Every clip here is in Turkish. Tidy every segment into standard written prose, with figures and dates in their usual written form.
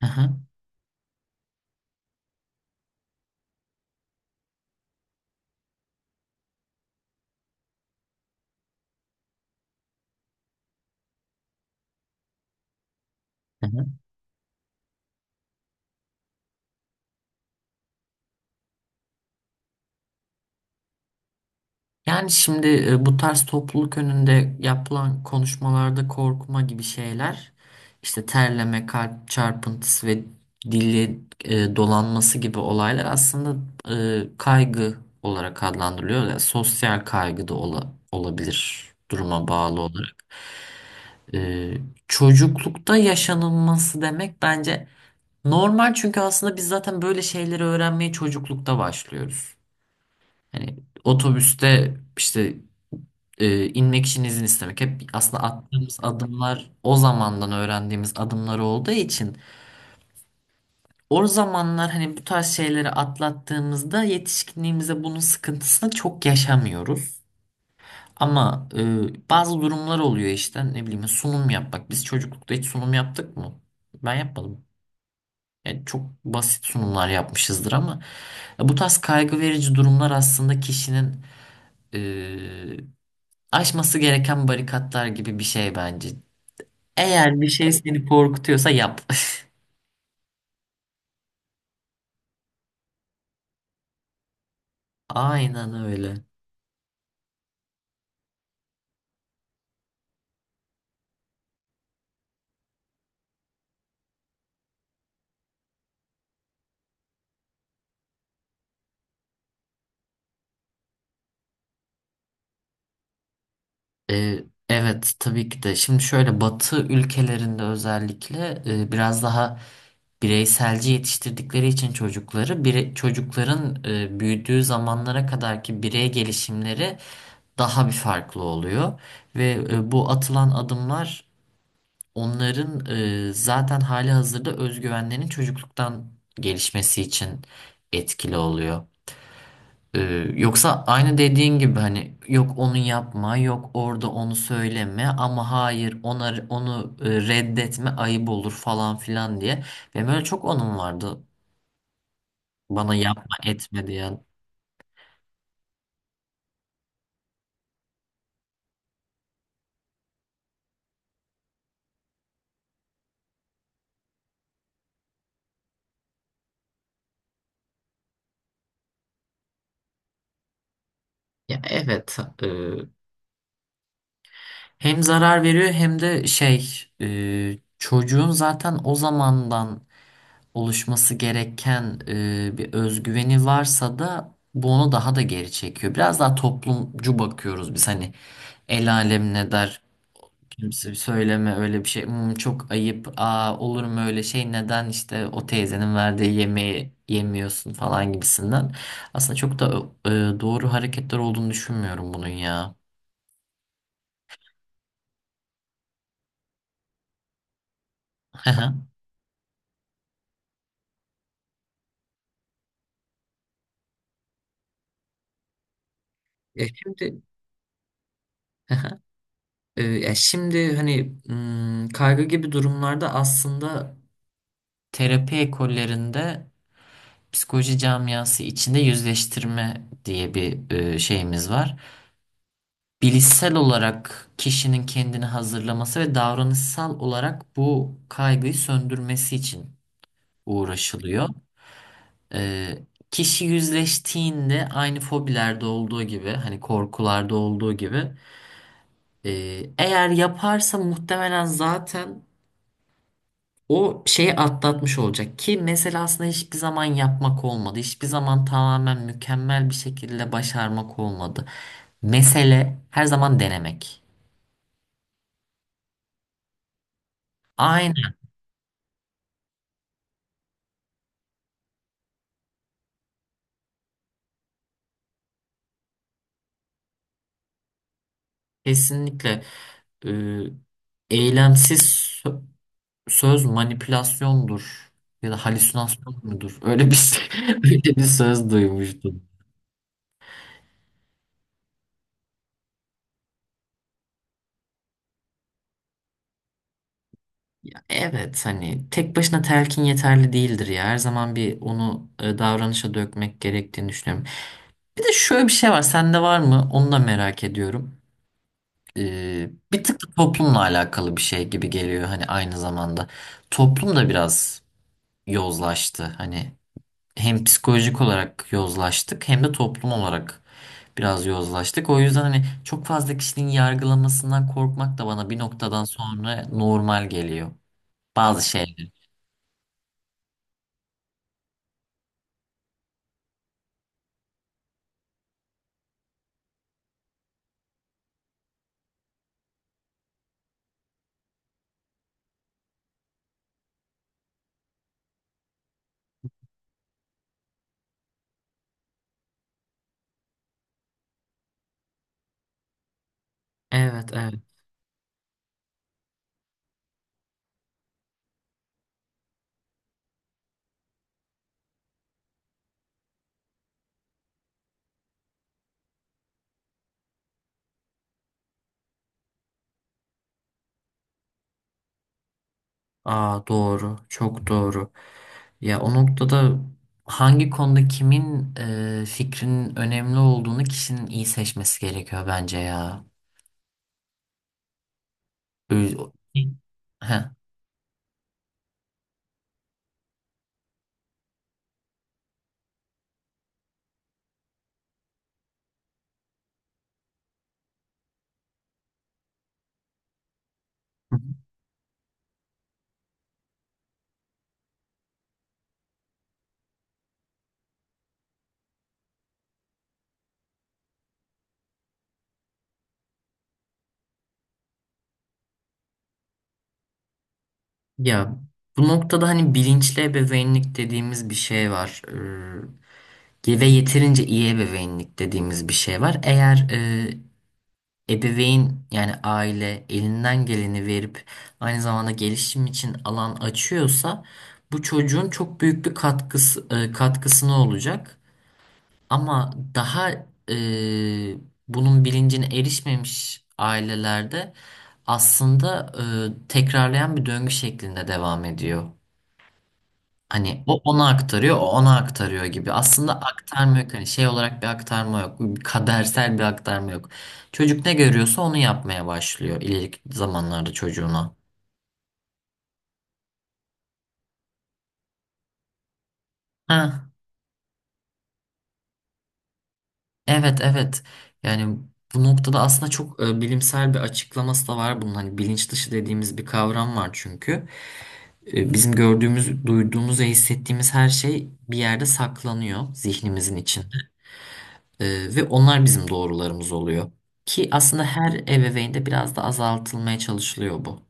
Hı hı, hı hı. Yani şimdi bu tarz topluluk önünde yapılan konuşmalarda korkma gibi şeyler, işte terleme, kalp çarpıntısı ve dili dolanması gibi olaylar aslında kaygı olarak adlandırılıyor. Yani sosyal kaygı da olabilir duruma bağlı olarak. E, Çocuklukta yaşanılması demek bence normal çünkü aslında biz zaten böyle şeyleri öğrenmeye çocuklukta başlıyoruz. Hani otobüste işte inmek için izin istemek hep aslında attığımız adımlar o zamandan öğrendiğimiz adımlar olduğu için o zamanlar hani bu tarz şeyleri atlattığımızda yetişkinliğimize bunun sıkıntısını çok yaşamıyoruz. Ama bazı durumlar oluyor işte ne bileyim sunum yapmak. Biz çocuklukta hiç sunum yaptık mı? Ben yapmadım. Yani çok basit sunumlar yapmışızdır ama bu tarz kaygı verici durumlar aslında kişinin e, aşması gereken barikatlar gibi bir şey bence. Eğer bir şey seni korkutuyorsa yap. Aynen öyle. Evet tabii ki de. Şimdi şöyle Batı ülkelerinde özellikle biraz daha bireyselci yetiştirdikleri için çocukları çocukların büyüdüğü zamanlara kadarki birey gelişimleri daha bir farklı oluyor ve bu atılan adımlar onların zaten hali hazırda özgüvenlerinin çocukluktan gelişmesi için etkili oluyor. E, Yoksa aynı dediğin gibi hani yok onu yapma, yok orada onu söyleme ama hayır ona, onu reddetme ayıp olur falan filan diye. Benim öyle çok onun vardı bana yapma etme diyen. Ya evet, e, hem zarar veriyor hem de şey, çocuğun zaten o zamandan oluşması gereken bir özgüveni varsa da bu onu daha da geri çekiyor. Biraz daha toplumcu bakıyoruz biz, hani el alem ne der, kimse söyleme öyle bir şey. "Hmm, çok ayıp, aa olur mu öyle şey, neden işte o teyzenin verdiği yemeği yemiyorsun" falan gibisinden. Aslında çok da doğru hareketler olduğunu düşünmüyorum bunun ya. Ya şimdi, ya şimdi hani kaygı gibi durumlarda aslında terapi ekollerinde psikoloji camiası içinde yüzleştirme diye bir şeyimiz var. Bilişsel olarak kişinin kendini hazırlaması ve davranışsal olarak bu kaygıyı söndürmesi için uğraşılıyor. E, Kişi yüzleştiğinde aynı fobilerde olduğu gibi, hani korkularda olduğu gibi, e, eğer yaparsa muhtemelen zaten o şeyi atlatmış olacak. Ki mesela aslında hiçbir zaman yapmak olmadı. Hiçbir zaman tamamen mükemmel bir şekilde başarmak olmadı. Mesele her zaman denemek. Aynen, kesinlikle. e, Eylemsiz sö- söz manipülasyondur ya da halüsinasyon mudur? Öyle bir şey- öyle bir söz duymuştum. Ya evet, hani tek başına telkin yeterli değildir ya. Her zaman bir onu davranışa dökmek gerektiğini düşünüyorum. Bir de şöyle bir şey var. Sende var mı? Onu da merak ediyorum. Bir tık da toplumla alakalı bir şey gibi geliyor. Hani aynı zamanda. Toplum da biraz yozlaştı. Hani hem psikolojik olarak yozlaştık hem de toplum olarak biraz yozlaştık. O yüzden hani çok fazla kişinin yargılamasından korkmak da bana bir noktadan sonra normal geliyor. Bazı şeyler. Evet, evet. Aa doğru, çok doğru. Ya o noktada hangi konuda kimin fikrinin önemli olduğunu kişinin iyi seçmesi gerekiyor bence ya. Ö- Heh. Ya bu noktada hani bilinçli ebeveynlik dediğimiz bir şey var. Ve yeterince iyi ebeveynlik dediğimiz bir şey var. Eğer ebeveyn yani aile elinden geleni verip aynı zamanda gelişim için alan açıyorsa bu çocuğun çok büyük bir katkısı, katkısına olacak. Ama daha e, bunun bilincine erişmemiş ailelerde aslında tekrarlayan bir döngü şeklinde devam ediyor. Hani o ona aktarıyor, o ona aktarıyor gibi. Aslında aktarma yok. Hani şey olarak bir aktarma yok. Kadersel bir aktarma yok. Çocuk ne görüyorsa onu yapmaya başlıyor ileriki zamanlarda çocuğuna. Ha, evet evet. Yani bu noktada aslında çok bilimsel bir açıklaması da var bunun. Hani bilinç dışı dediğimiz bir kavram var çünkü. Bizim gördüğümüz, duyduğumuz ve hissettiğimiz her şey bir yerde saklanıyor zihnimizin içinde. Ve onlar bizim doğrularımız oluyor. Ki aslında her ebeveynde biraz da azaltılmaya çalışılıyor bu.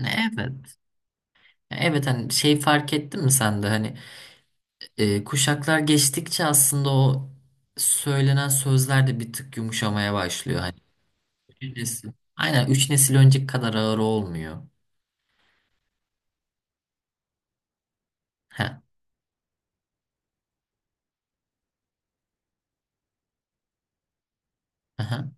Evet. Evet, hani şey, fark ettin mi sen de hani kuşaklar geçtikçe aslında o söylenen sözler de bir tık yumuşamaya başlıyor. Hani üç nesil. Aynen, üç nesil önceki kadar ağır olmuyor. Heh. Aha.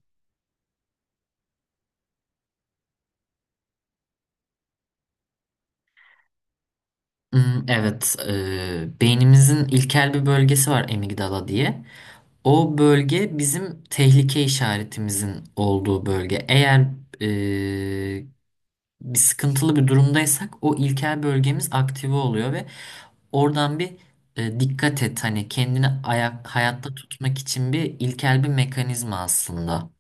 Hmm. Evet, beynimizin ilkel bir bölgesi var amigdala diye. O bölge bizim tehlike işaretimizin olduğu bölge. Eğer e, bir sıkıntılı bir durumdaysak o ilkel bölgemiz aktive oluyor ve oradan bir, dikkat et hani kendini ayak, hayatta tutmak için, bir ilkel bir mekanizma aslında.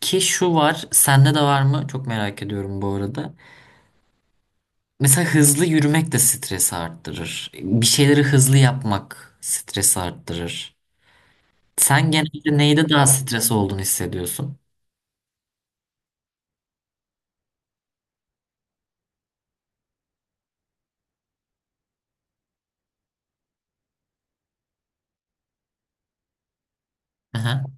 Ki şu var, sende de var mı? Çok merak ediyorum bu arada. Mesela hızlı yürümek de stresi arttırır. Bir şeyleri hızlı yapmak stresi arttırır. Sen genelde neyde daha stres olduğunu hissediyorsun? Aha,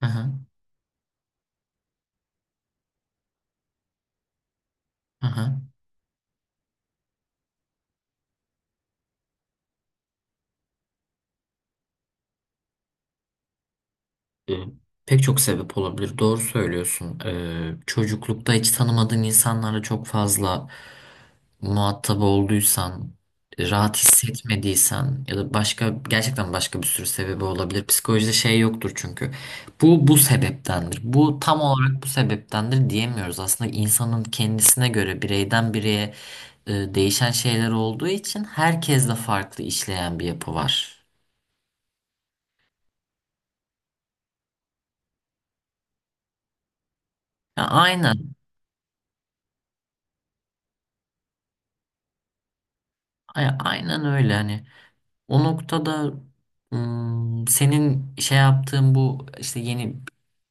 aha, aha. Ee, Pek çok sebep olabilir. Doğru söylüyorsun. Çocuklukta hiç tanımadığın insanlarla çok fazla muhatap olduysan, rahat hissetmediysen ya da başka, gerçekten başka bir sürü sebebi olabilir. Psikolojide şey yoktur çünkü. Bu bu sebeptendir. Bu tam olarak bu sebeptendir diyemiyoruz. Aslında insanın kendisine göre bireyden bireye değişen şeyler olduğu için herkesle farklı işleyen bir yapı var. Ya, aynen. Aynen öyle. Hani o noktada, senin şey yaptığın, bu işte yeni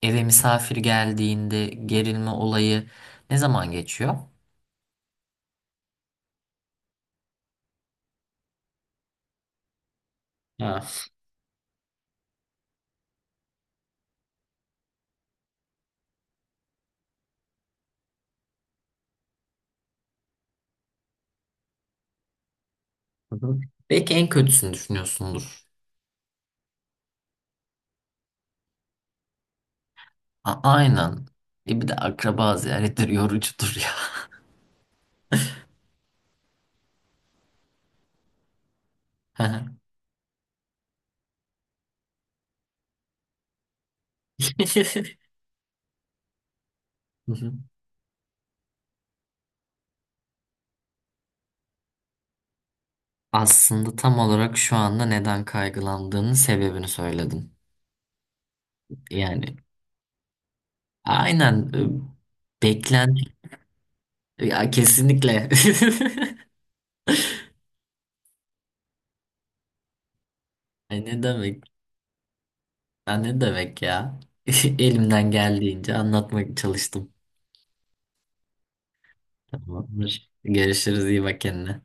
eve misafir geldiğinde gerilme olayı ne zaman geçiyor? Ha. Hı hı. Belki en kötüsünü düşünüyorsundur. Aynen. E bir de akraba ziyaretleri yorucudur ya. Hı hı. Aslında tam olarak şu anda neden kaygılandığının sebebini söyledin. Yani aynen, beklent, ya kesinlikle. Ay ne demek? Ya ne demek ya? Elimden geldiğince anlatmak çalıştım. Tamamdır. Görüşürüz. İyi bak kendine.